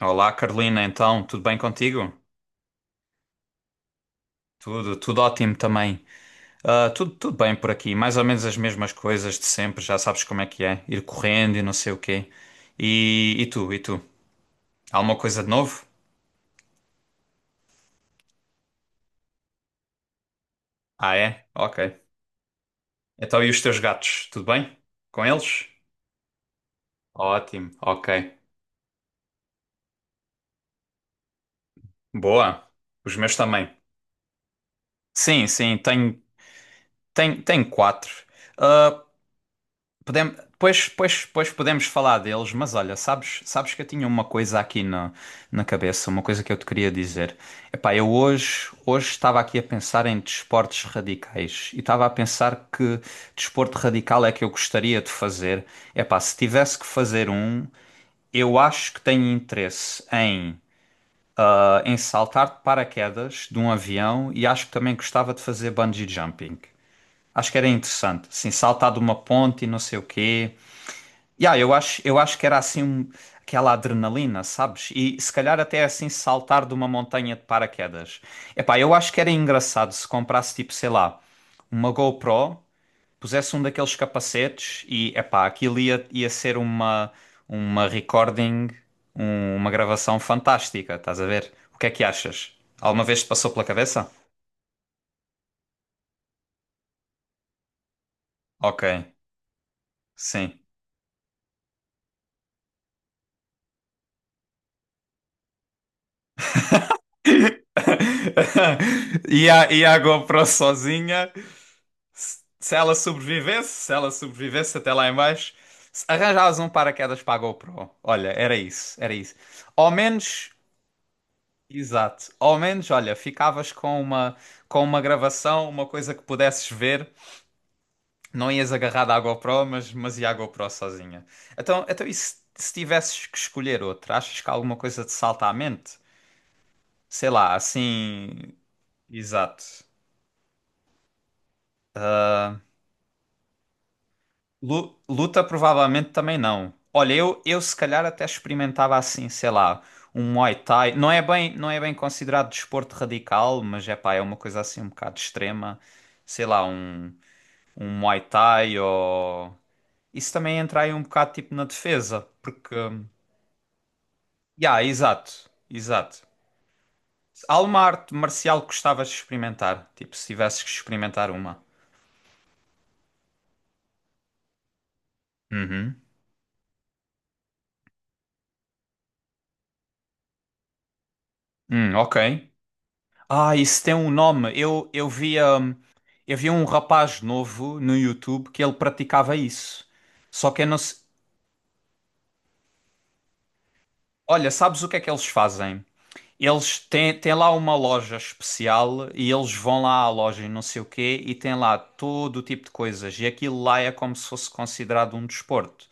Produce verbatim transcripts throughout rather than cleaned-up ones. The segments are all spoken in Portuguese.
Olá, Carolina, então, tudo bem contigo? Tudo, tudo ótimo também. Ah, tudo, tudo bem por aqui, mais ou menos as mesmas coisas de sempre, já sabes como é que é, ir correndo e não sei o quê. E, e tu, e tu? Há alguma coisa de novo? Ah, é? Ok. Então, e os teus gatos, tudo bem? Com eles? Ótimo, ok. Boa. Os meus também. Sim, sim, tenho, tenho, tenho quatro. Ah, Podem, pois, pois, pois podemos falar deles, mas olha, sabes, sabes que eu tinha uma coisa aqui na, na cabeça, uma coisa que eu te queria dizer. Epá, eu hoje, hoje estava aqui a pensar em desportos radicais e estava a pensar que desporto radical é que eu gostaria de fazer. Epá, se tivesse que fazer um, eu acho que tenho interesse em, ah, em saltar de paraquedas de um avião e acho que também gostava de fazer bungee jumping. Acho que era interessante, assim, saltar de uma ponte e não sei o quê. Yeah, eu acho, eu acho que era assim um- aquela adrenalina, sabes? E se calhar até é assim saltar de uma montanha de paraquedas. Epá, eu acho que era engraçado se comprasse tipo, sei lá, uma GoPro, pusesse um daqueles capacetes e epá, aquilo ia, ia ser uma, uma recording, um- uma gravação fantástica, estás a ver? O que é que achas? Alguma vez te passou pela cabeça? Ok, sim. E a, e a GoPro sozinha. Se se ela sobrevivesse, se ela sobrevivesse até lá em baixo, se arranjavas um paraquedas para a GoPro. Olha, era isso, era isso. Ao menos, exato, ao menos, olha, ficavas com uma, com uma gravação, uma coisa que pudesses ver. Não ias agarrada à GoPro, mas, mas ia à GoPro sozinha. Então, então e se, se tivesses que escolher outra? Achas que há alguma coisa te salta à mente? Sei lá, assim, exato. Lu- Luta provavelmente também não. Olha, eu, eu se calhar até experimentava assim, sei lá, um Muay Thai. Não é bem, não é bem considerado desporto radical, mas é pá, é uma coisa assim um bocado extrema. Sei lá, um, um Muay Thai ou. Isso também entra aí um bocado tipo na defesa, porque. hum, Ya, exato, exato. Há uma arte marcial que gostavas de experimentar, tipo, se tivesses que experimentar uma. Uhum. Hum, ok. Ah, isso tem um nome. Eu, eu via, hum, eu via um rapaz novo no YouTube que ele praticava isso. Só que eu não sei. Olha, sabes o que é que eles fazem? Eles têm, têm lá uma loja especial e eles vão lá à loja e não sei o quê e têm lá todo o tipo de coisas. E aquilo lá é como se fosse considerado um desporto.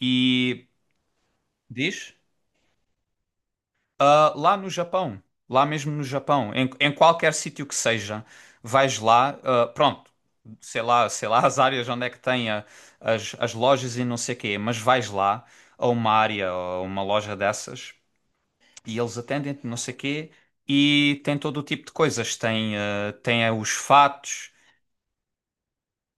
E diz? Ah, lá no Japão, lá mesmo no Japão, em, em qualquer sítio que seja, vais lá, ah, pronto, sei lá, sei lá as áreas onde é que tem a- as, as lojas e não sei quê, mas vais lá a uma área ou a uma loja dessas e eles atendem-te, não sei quê, e tem todo o tipo de coisas, tem, ah, tem ah, os fatos.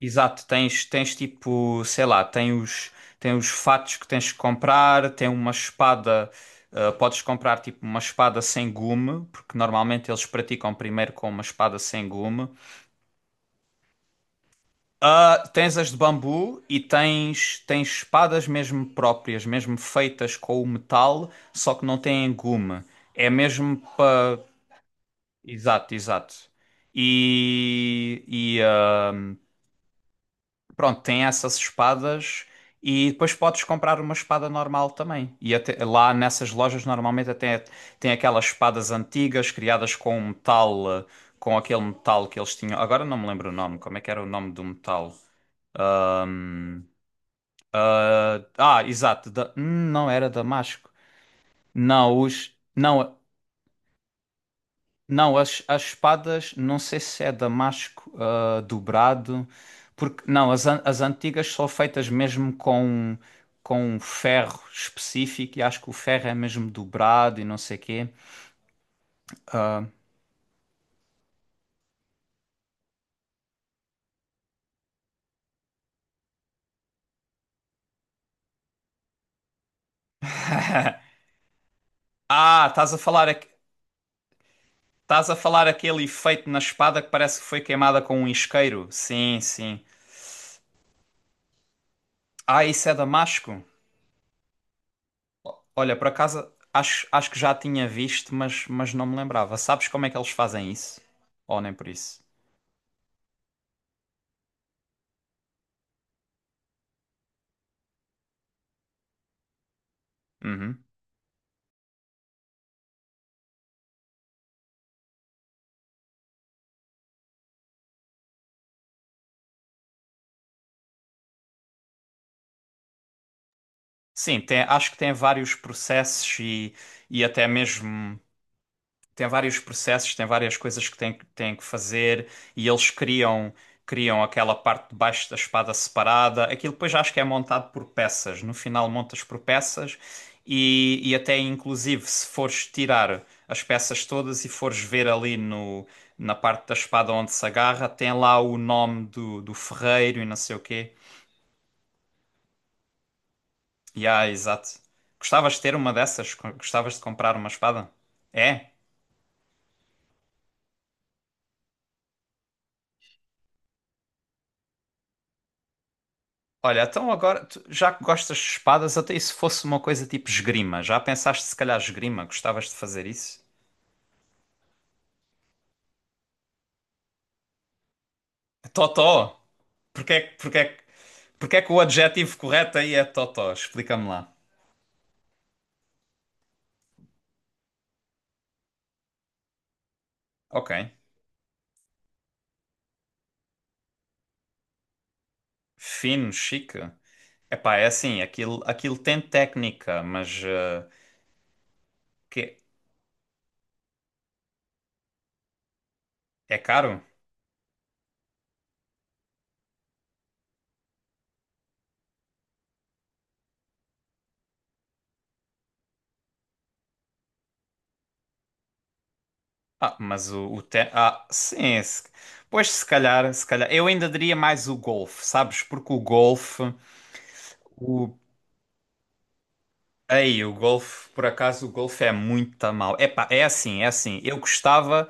Exato, tens, tens tipo, sei lá, tem os, tem os fatos que tens que comprar, tem uma espada, ah, podes comprar tipo uma espada sem gume, porque normalmente eles praticam primeiro com uma espada sem gume. Ah, tens as de bambu e tens, tens espadas mesmo próprias, mesmo feitas com o metal, só que não têm gume. É mesmo para. Exato, exato. E, e pronto, tem essas espadas e depois podes comprar uma espada normal também. E até- lá nessas lojas normalmente até tem aquelas espadas antigas criadas com um metal, eh, com aquele metal que eles tinham. Agora não me lembro o nome, como é que era o nome do metal? ah, ah, exato, da- hum, não era Damasco. Não, os. Não, não, as, as espadas, não sei se é damasco ah, dobrado, porque não, as, an- as antigas são feitas mesmo com, com um ferro específico e acho que o ferro é mesmo dobrado e não sei quê. Ah, estás a falar, aque- estás a falar aquele efeito na espada que parece que foi queimada com um isqueiro? Sim, sim. Ah, isso é damasco? Olha, por acaso acho, acho que já tinha visto, mas, mas não me lembrava. Sabes como é que eles fazem isso? Ou nem por isso? Uhum. Sim, tem, acho que tem vários processos e, e até mesmo tem vários processos, tem várias coisas que tem, que- tem que fazer e eles criam criam aquela parte de baixo da espada separada. Aquilo depois acho que é montado por peças. No final montas por peças e, e até inclusive se fores tirar as peças todas e fores ver ali no, na parte da espada onde se agarra, tem lá o nome do, do ferreiro e não sei o quê. Ya, exato. Gostavas de ter uma dessas? Co- Gostavas de comprar uma espada? É? Olha, então agora, tu- já que gostas de espadas, até e se fosse uma coisa tipo esgrima? Já pensaste se calhar esgrima? Gostavas de fazer isso? É Totó! Porquê, que- porquê, que- porquê que o adjetivo correto aí é totó? Explica-me lá. Ok. Fino, chique. Epá, é assim, aquilo, aquilo tem técnica, mas eh, que é caro? Ah, mas o, o te- Ah, sim. Se. Pois se calhar, se calhar. Eu ainda diria mais o golfe, sabes? Porque o golfe. O. Ei, o golfe, por acaso, o golfe é muito mal. Epá, é assim, é assim. Eu gostava.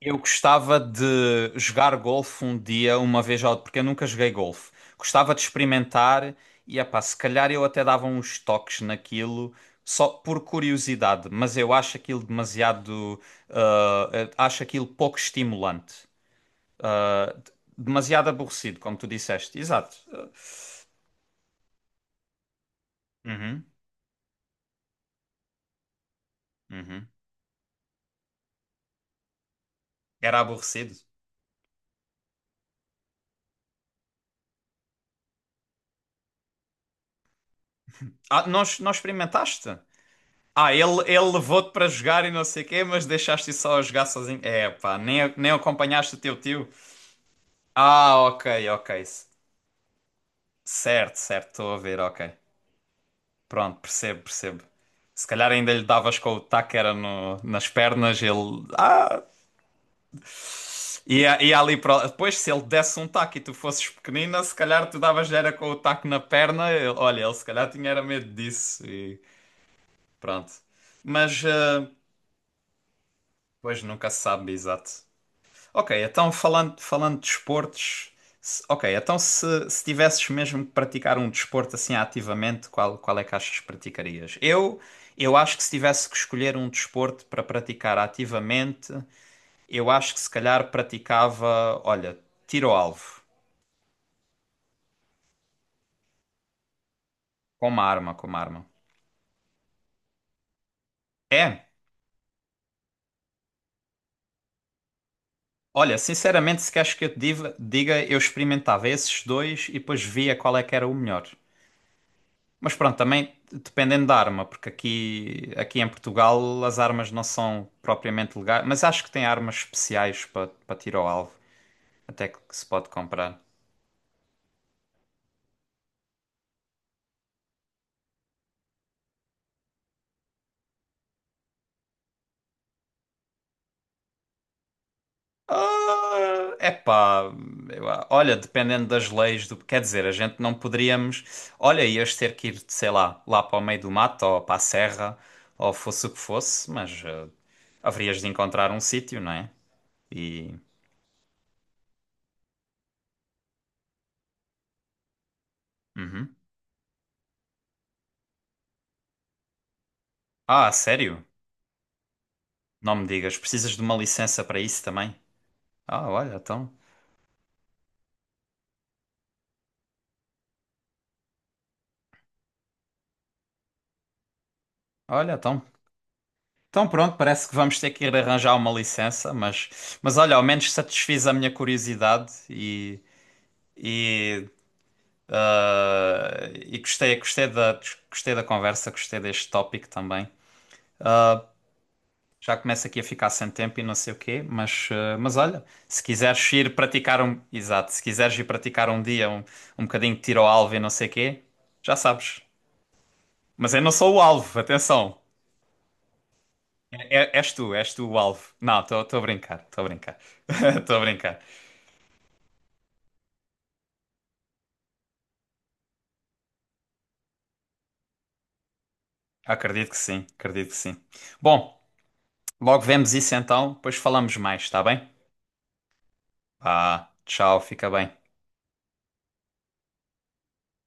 Eu gostava de jogar golfe um dia, uma vez ou porque eu nunca joguei golfe. Gostava de experimentar e, epá, se calhar eu até dava uns toques naquilo, só por curiosidade, mas eu acho aquilo demasiado, ah, acho aquilo pouco estimulante. Demasiado aborrecido, como tu disseste. Exato. Uhum, uhum. Era aborrecido. Ah, nós, nós experimentaste? Ah, ele, ele levou-te para jogar e não sei o quê, mas deixaste só a jogar sozinho. É, pá, nem, nem acompanhaste o teu tio. Ah, ok, ok. S- Certo, certo, estou a ver, ok. Pronto, percebo, percebo. Se calhar ainda lhe davas com o taco era no, nas pernas, ele. Ah, E, a- e ali para depois, se ele desse um taco e tu fosses pequenina, se calhar tu davas era com o taco na perna. Ele- Olha, ele se calhar tinha era medo disso e pronto. Mas, eh, pois nunca se sabe, exato. Ok, então falando, falando de desportos, se- ok, então se, se tivesses mesmo que praticar um desporto assim ativamente, qual, qual é que achas que praticarias? Eu, eu acho que se tivesse que escolher um desporto para praticar ativamente, eu acho que se calhar praticava, olha, tiro ao alvo. Como arma, como arma. É, olha, sinceramente, se queres que eu te diva- diga, eu experimentava esses dois e depois via qual é que era o melhor. Mas pronto, também dependendo da arma, porque aqui, aqui em Portugal as armas não são propriamente legais, mas acho que tem armas especiais para para tiro ao alvo, até que se pode comprar. Ah, epá, eu- a- olha, dependendo das leis do, quer dizer, a gente não poderíamos, olha, ias ter que ir, sei lá, lá para o meio do mato ou para a serra, ou fosse o que fosse, mas eh, haverias de encontrar um sítio, não é? E. Uhum. Ah, sério? Não me digas, precisas de uma licença para isso também? Ah, olha, então, olha, então, então pronto, parece que vamos ter que ir arranjar uma licença, mas, mas olha, ao menos satisfiz a minha curiosidade e, e Eh, E gostei, gostei da, gostei da conversa, gostei deste tópico também. Já começo aqui a ficar sem tempo e não sei o quê, mas, eh, mas olha, se quiseres ir praticar um, exato, se quiseres ir praticar um dia um, um bocadinho de tiro ao alvo e não sei o quê, já sabes. Mas eu não sou o alvo, atenção. É- é- és tu, és tu o alvo. Não, estou a brincar, estou a brincar. Estou a brincar. Acredito que sim, acredito que sim. Bom, logo vemos isso então, depois falamos mais, está bem? Ah, tchau, fica bem.